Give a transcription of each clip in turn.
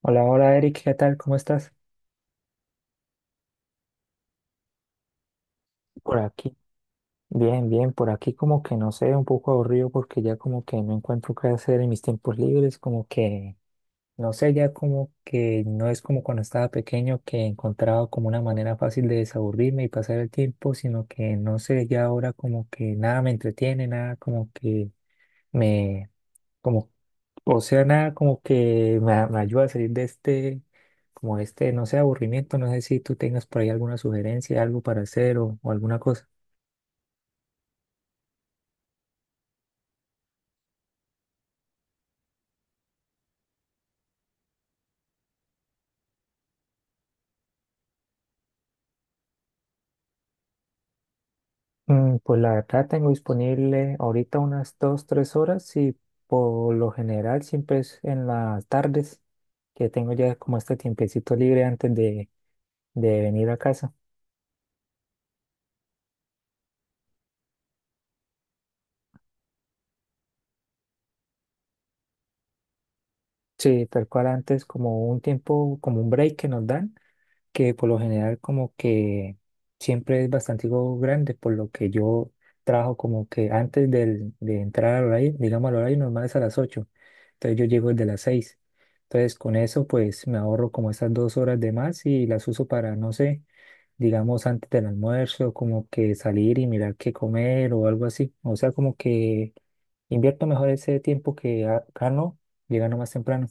Hola, hola Eric, ¿qué tal? ¿Cómo estás? Por aquí, bien, bien, por aquí como que no sé, un poco aburrido porque ya como que no encuentro qué hacer en mis tiempos libres, como que no sé, ya como que no es como cuando estaba pequeño que encontraba como una manera fácil de desaburrirme y pasar el tiempo, sino que no sé, ya ahora como que nada me entretiene, nada como que me, como. O sea, nada como que me, me ayuda a salir de este, como este, no sé, aburrimiento. No sé si tú tengas por ahí alguna sugerencia, algo para hacer o alguna cosa. Pues la verdad tengo disponible ahorita unas dos, tres horas y por lo general siempre es en las tardes que tengo ya como este tiempecito libre antes de venir a casa. Sí, tal cual antes como un tiempo, como un break que nos dan que por lo general como que siempre es bastante algo grande, por lo que yo trabajo como que de entrar al horario, digamos al horario normal es a las ocho, entonces yo llego desde las seis, entonces con eso pues me ahorro como esas dos horas de más y las uso para, no sé, digamos antes del almuerzo, como que salir y mirar qué comer o algo así, o sea, como que invierto mejor ese tiempo que gano llegando más temprano.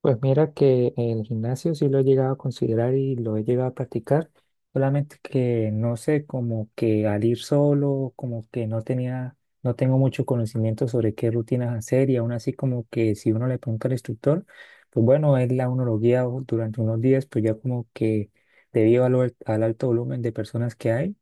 Pues mira que el gimnasio sí lo he llegado a considerar y lo he llegado a practicar, solamente que no sé, como que al ir solo, como que no tenía, no tengo mucho conocimiento sobre qué rutinas hacer y aún así como que si uno le pregunta al instructor, pues bueno, él la uno lo guía durante unos días, pues ya como que debido al alto volumen de personas que hay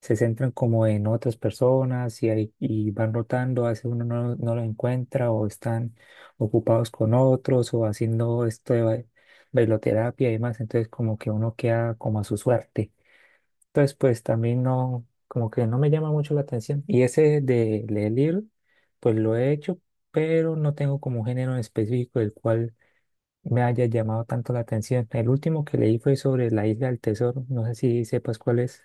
se centran como en otras personas y van rotando, a veces uno no, no lo encuentra o están ocupados con otros o haciendo esto de bailoterapia y demás, entonces como que uno queda como a su suerte. Entonces pues también no, como que no me llama mucho la atención. Y ese de leer libros, pues lo he hecho, pero no tengo como un género en específico del cual me haya llamado tanto la atención. El último que leí fue sobre la Isla del Tesoro, no sé si sepas cuál es.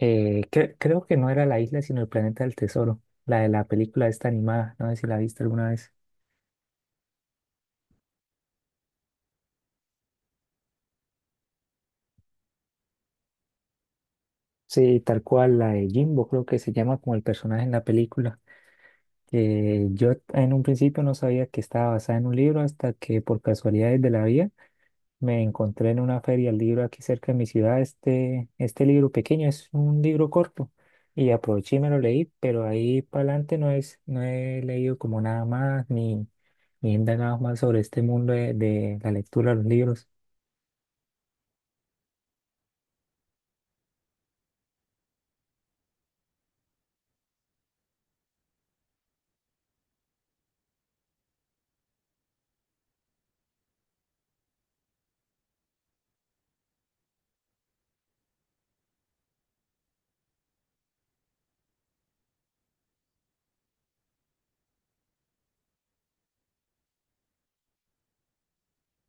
Creo que no era la isla, sino el planeta del tesoro, la de la película esta animada, no sé si la viste alguna vez. Sí, tal cual, la de Jimbo, creo que se llama como el personaje en la película. Yo en un principio no sabía que estaba basada en un libro hasta que por casualidades de la vida me encontré en una feria el libro aquí cerca de mi ciudad, este libro pequeño, es un libro corto y aproveché y me lo leí, pero ahí para adelante no es, no he leído como nada más ni, ni he indagado más sobre este mundo de la lectura de los libros.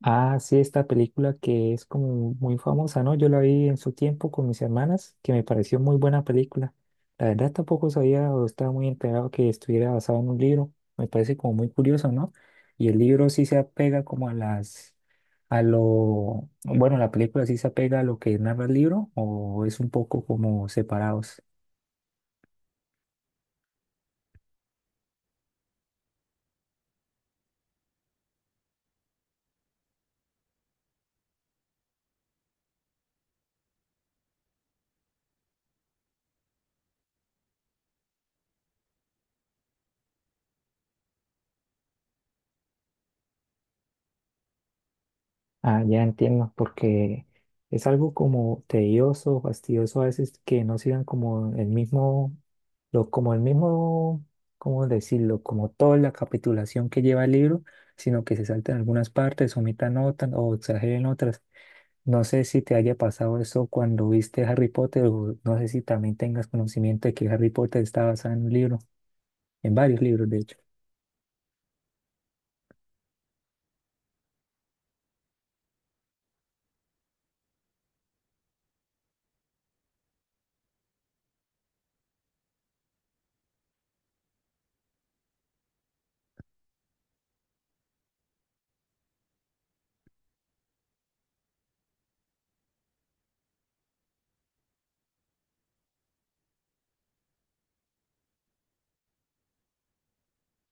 Ah, sí, esta película que es como muy famosa, ¿no? Yo la vi en su tiempo con mis hermanas, que me pareció muy buena película. La verdad tampoco sabía o estaba muy enterado que estuviera basado en un libro. Me parece como muy curioso, ¿no? Y el libro sí se apega como a las, a lo, bueno, la película sí se apega a lo que narra el libro o es un poco como separados. Ah, ya entiendo, porque es algo como tedioso, fastidioso a veces que no sigan como el mismo, lo, como el mismo, ¿cómo decirlo? Como toda la capitulación que lleva el libro, sino que se salten algunas partes, omitan otras o exageren otras. No sé si te haya pasado eso cuando viste Harry Potter o no sé si también tengas conocimiento de que Harry Potter está basado en un libro, en varios libros de hecho.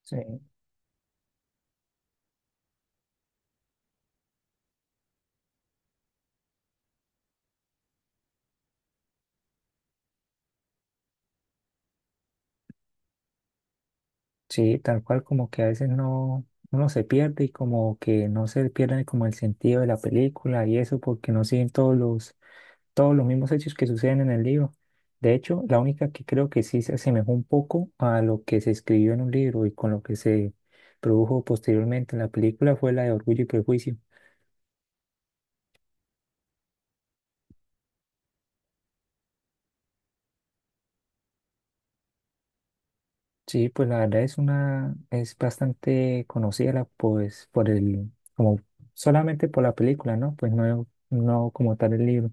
Sí. Sí, tal cual como que a veces no, uno se pierde y como que no se pierde como el sentido de la película y eso porque no siguen todos los mismos hechos que suceden en el libro. De hecho, la única que creo que sí se asemejó un poco a lo que se escribió en un libro y con lo que se produjo posteriormente en la película fue la de Orgullo y Prejuicio. Sí, pues la verdad es una, es bastante conocida pues por el, como solamente por la película, ¿no? Pues no, no como tal el libro.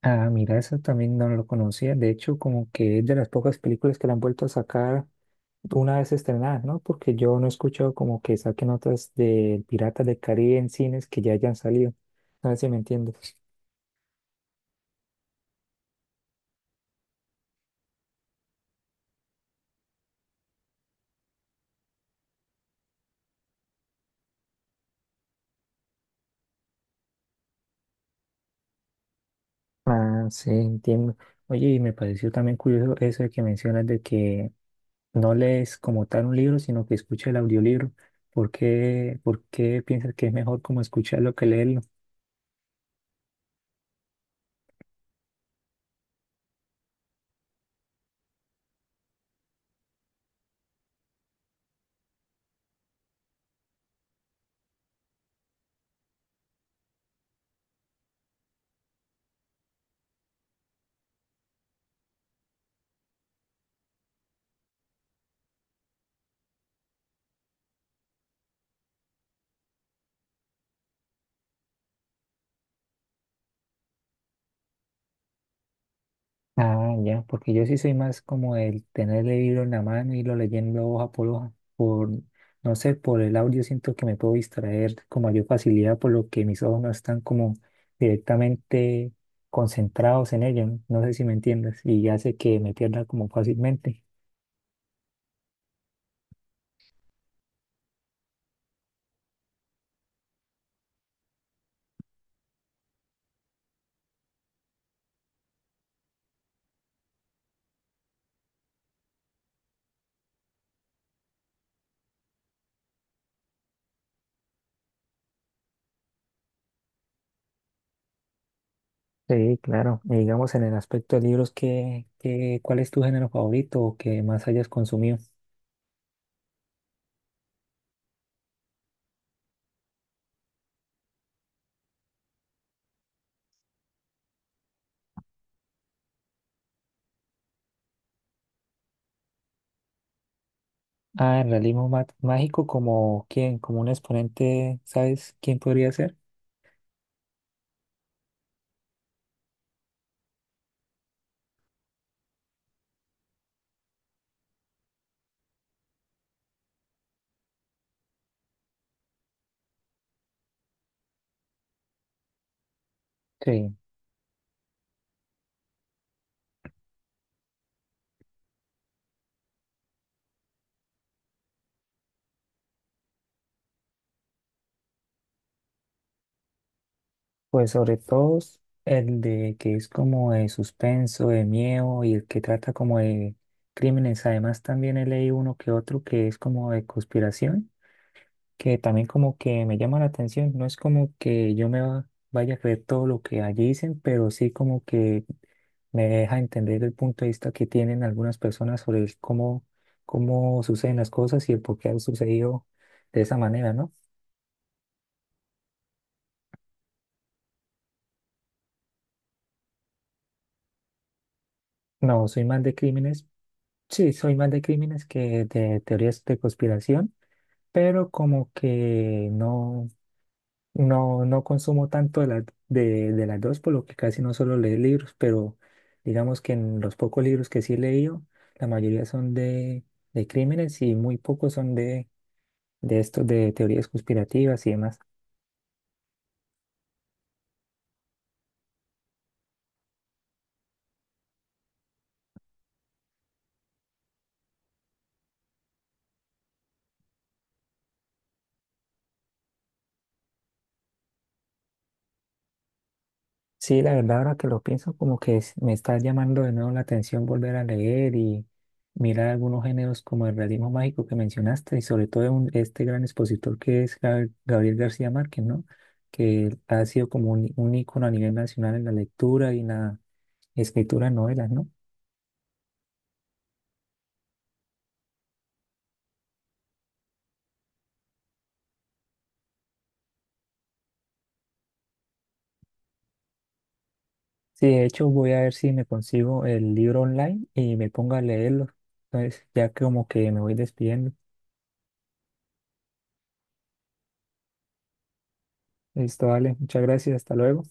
Ah, mira, eso también no lo conocía. De hecho, como que es de las pocas películas que la han vuelto a sacar una vez estrenada, ¿no? Porque yo no he escuchado como que saquen otras de Piratas del Caribe en cines que ya hayan salido. No sé si me entiendes. Ah, sí, entiendo. Oye, y me pareció también curioso eso de que mencionas de que no lees como tal un libro, sino que escuchas el audiolibro. Por qué piensas que es mejor como escucharlo que leerlo? Ah, ya, porque yo sí soy más como el tener el libro en la mano y lo leyendo hoja por hoja. Por, no sé, por el audio siento que me puedo distraer con mayor facilidad, por lo que mis ojos no están como directamente concentrados en ello. No, no sé si me entiendes. Y hace que me pierda como fácilmente. Sí, claro. Y digamos en el aspecto de libros, ¿qué, qué, cuál es tu género favorito o que más hayas consumido? Ah, el realismo mágico, como quién, como un exponente, ¿sabes quién podría ser? Sí. Pues sobre todo el de que es como de suspenso, de miedo y el que trata como de crímenes. Además también he leído uno que otro que es como de conspiración, que también como que me llama la atención. No es como que yo vaya a creer todo lo que allí dicen, pero sí como que me deja entender el punto de vista que tienen algunas personas sobre el cómo, cómo suceden las cosas y el por qué han sucedido de esa manera, ¿no? No, soy más de crímenes. Sí, soy más de crímenes que de teorías de conspiración, pero como que no, no, no consumo tanto de, de las dos, por lo que casi no solo leer libros, pero digamos que en los pocos libros que sí he leído, la mayoría son de crímenes y muy pocos son de estos de teorías conspirativas y demás. Sí, la verdad, ahora que lo pienso, como que me está llamando de nuevo la atención volver a leer y mirar algunos géneros como el realismo mágico que mencionaste y sobre todo este gran expositor que es Gabriel García Márquez, ¿no? Que ha sido como un ícono a nivel nacional en la lectura y en la escritura de novelas, ¿no? Sí, de hecho voy a ver si me consigo el libro online y me pongo a leerlo. Entonces, ya como que me voy despidiendo. Listo, vale, muchas gracias, hasta luego.